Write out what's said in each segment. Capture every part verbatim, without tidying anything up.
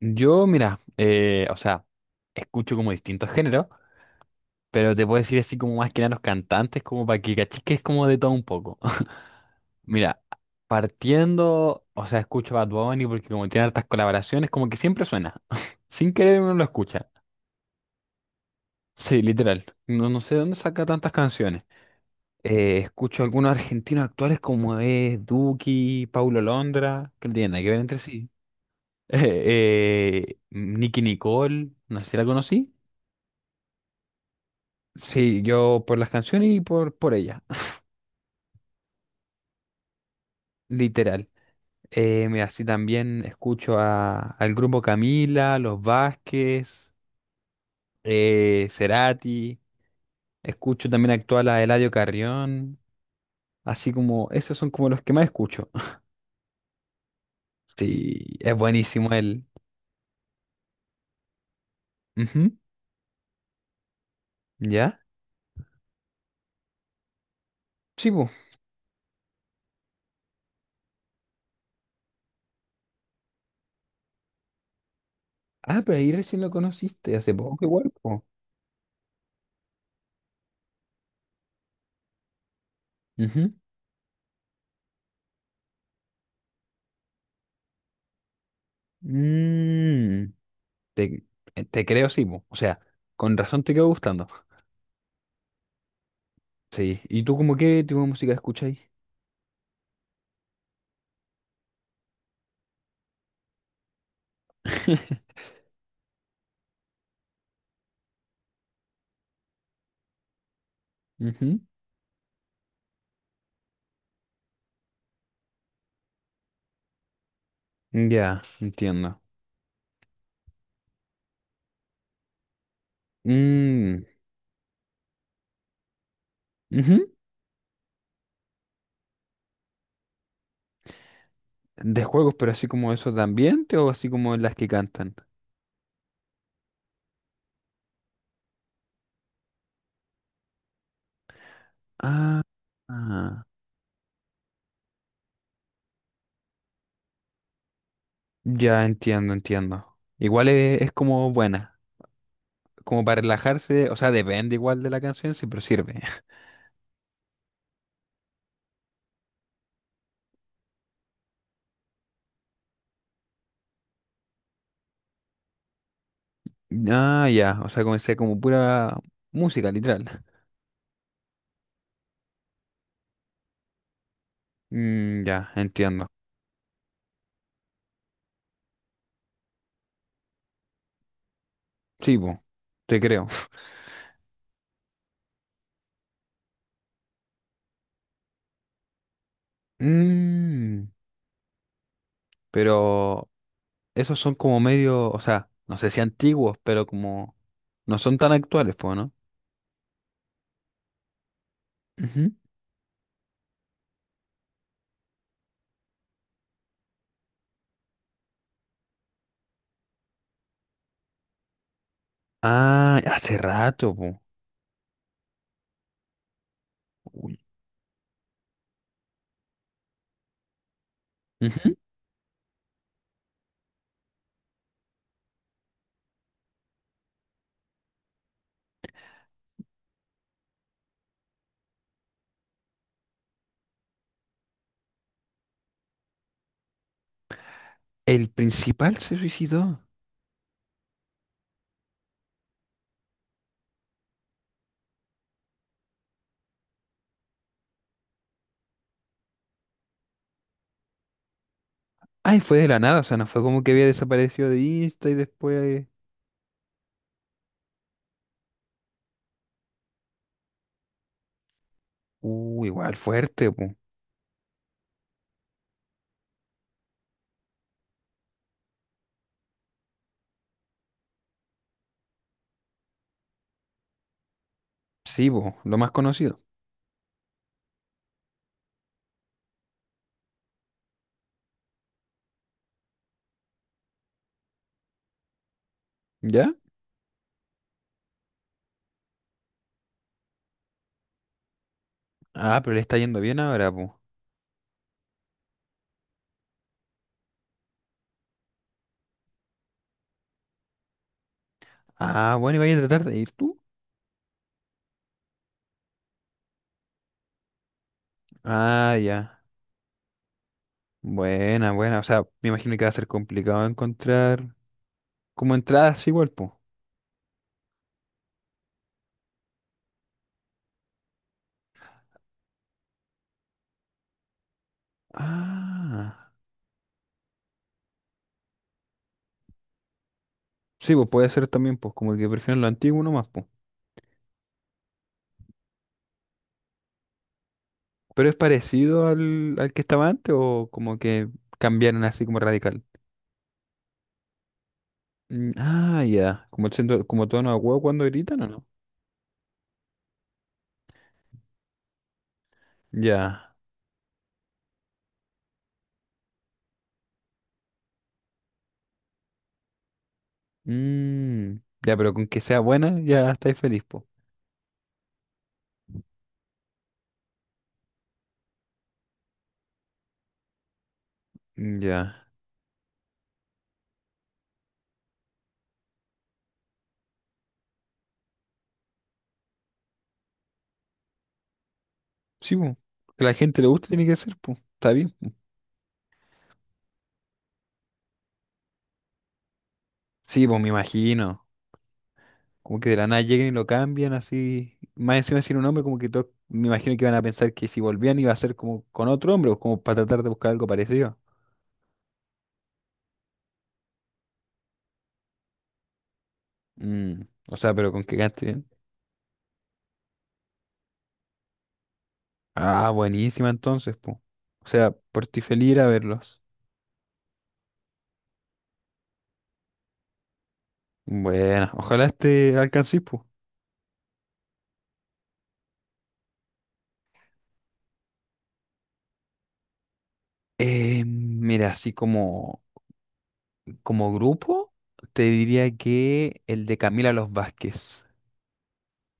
Yo, mira, eh, o sea, escucho como distintos géneros, pero te puedo decir así como más que nada los cantantes, como para que cachis que es como de todo un poco. Mira, partiendo, o sea, escucho Bad Bunny porque como tiene hartas colaboraciones, como que siempre suena. Sin querer uno lo escucha. Sí, literal. No, no sé de dónde saca tantas canciones. Eh, escucho algunos argentinos actuales como es Duki, Paulo Londra, que no tienen nada que ver entre sí. Eh, eh, Nicki Nicole, no sé si la conocí. Sí, yo por las canciones y por, por ella, literal. Eh, mira, sí, también escucho a, al grupo Camila, Los Vázquez, eh, Cerati, escucho también actual a Eladio Carrión, así como, esos son como los que más escucho. Sí, es buenísimo él. Ujú. ¿Ya? Sí, po. Ah, pero ahí recién lo conociste, hace poco igual, po. Ujú. Mm, te, eh, te creo, sí, po. O sea, con razón te quedó gustando. Sí. ¿Y tú como qué tipo de música escucháis? Ujú. Ya, entiendo. Mm, ujú. De juegos, pero así como eso de ambiente o así como las que cantan. Ah, ah. Ya entiendo, entiendo. Igual es, es como buena, como para relajarse, o sea, depende igual de la canción, sí, pero sirve. Ah, ya, o sea, comencé como pura música, literal. Mm, ya, entiendo. Sí, po, te creo. Mm, pero esos son como medio, o sea, no sé si antiguos, pero como no son tan actuales, pues, ¿no? Ujú. Ah, hace rato, po. Uy. Ujú. El principal se suicidó. Ay, fue de la nada, o sea, no fue como que había desaparecido de Insta y después. Uh, igual fuerte, po. Sí, po, lo más conocido. ¿Ya? Ah, pero le está yendo bien ahora, po. Ah, bueno, ¿y vaya a tratar de ir tú? Ah, ya. Buena, buena. O sea, me imagino que va a ser complicado encontrar como entradas igual, po. Ah, sí, pues puede ser también, pues como que prefieren lo antiguo nomás, pues. Pero es parecido al, al que estaba antes o como que cambiaron así como radical. Mm, ah, ya. Como, siento- como tono de huevo cuando gritan o no. Ya. Mm, ya, pero con que sea buena ya estáis feliz, pues. Mm, ya. Sí, pues. Que a la gente le guste tiene que ser, pues. Está bien. Sí, pues me imagino. Como que de la nada llegan y lo cambian así. Más encima sin un hombre, como que todos me imagino que iban a pensar que si volvían iba a ser como con otro hombre, o como para tratar de buscar algo parecido. Mm, o sea, pero con que gaste bien. Ah, buenísima entonces, po. O sea, por ti feliz ir a verlos. Bueno, ojalá este alcances, po. Eh, mira, así como, como grupo, te diría que el de Camila Los Vázquez,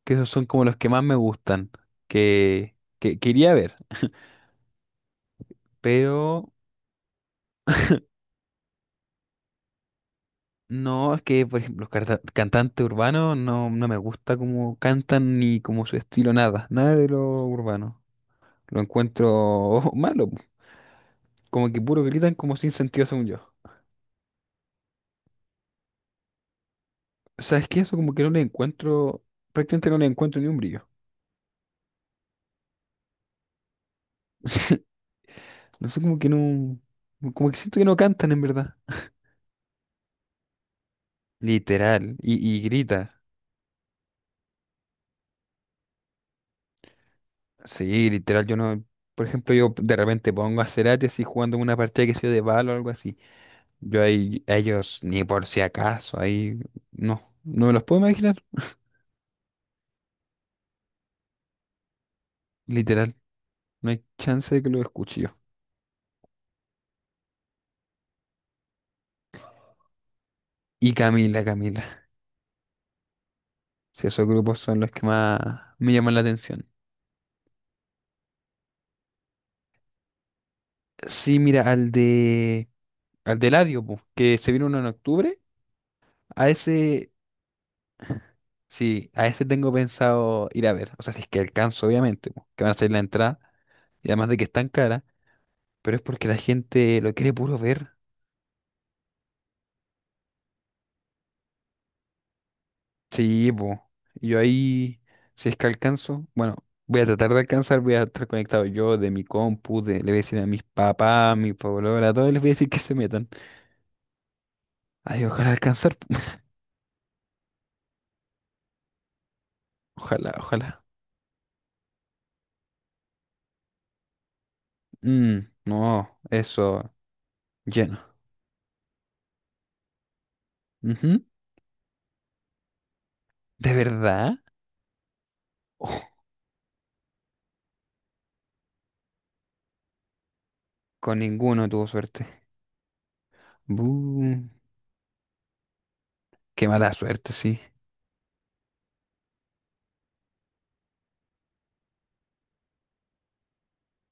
que esos son como los que más me gustan, que, que, que iría a ver, pero No, es que, por ejemplo, los carta- cantantes urbanos no, no me gusta cómo cantan ni como su estilo, nada, nada de lo urbano. Lo encuentro malo, po. Como que puro gritan como sin sentido, según yo. O sea, es que eso como que no le encuentro, prácticamente no le encuentro ni un brillo. No sé, como que no, como que siento que no cantan en verdad. Literal, y, y grita. Sí, literal, yo no, por ejemplo, yo de repente pongo a Cerati así jugando una partida que sea de balo o algo así. Yo ahí- a ellos ni por si acaso, ahí no, no me los puedo imaginar, literal, no hay chance de que los escuche yo. Y Camila, Camila, si esos grupos son los que más me llaman la atención. Sí, mira, al de, al de Eladio, po, que se vino uno en octubre, a ese, sí, a ese tengo pensado ir a ver, o sea, si es que alcanzo, obviamente, po, que van a salir la entrada, y además de que están cara, pero es porque la gente lo quiere puro ver. Sí, pues. Yo ahí, si es que alcanzo, bueno, voy a tratar de alcanzar, voy a estar conectado yo de mi compu, de- le voy a decir a mis papás, a mi polola, a todos les voy a decir que se metan. Ay, ojalá alcanzar, po. Ojalá, ojalá. Mm, no, eso, lleno. Ujú. ¿De verdad? Oh, con ninguno tuvo suerte. Bu, qué mala suerte, sí.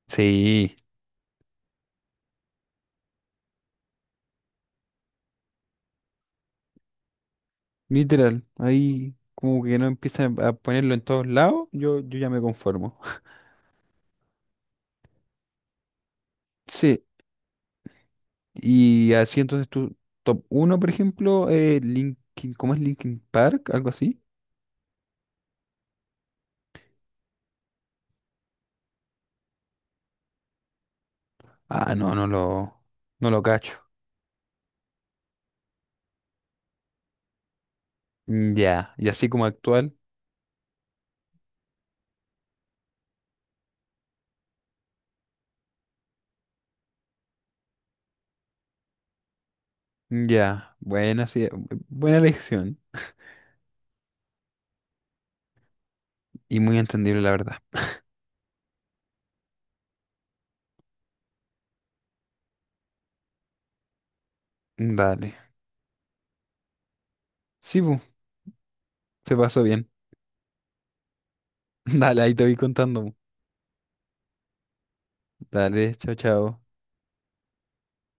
Sí, literal. Ahí como que no empiezan a ponerlo en todos lados, yo, yo ya me conformo. Sí. Y así entonces tu top uno por ejemplo, eh, Linkin, ¿cómo es Linkin Park? ¿Algo así? Ah, no, no lo, no lo cacho. Mm, ya. Y así como actual, mm, ya, buena, sí, eh, buena elección y muy entendible la verdad. Dale. Sí, bu, se pasó bien. Dale, ahí te voy contando. Bu. Dale, chao, chao.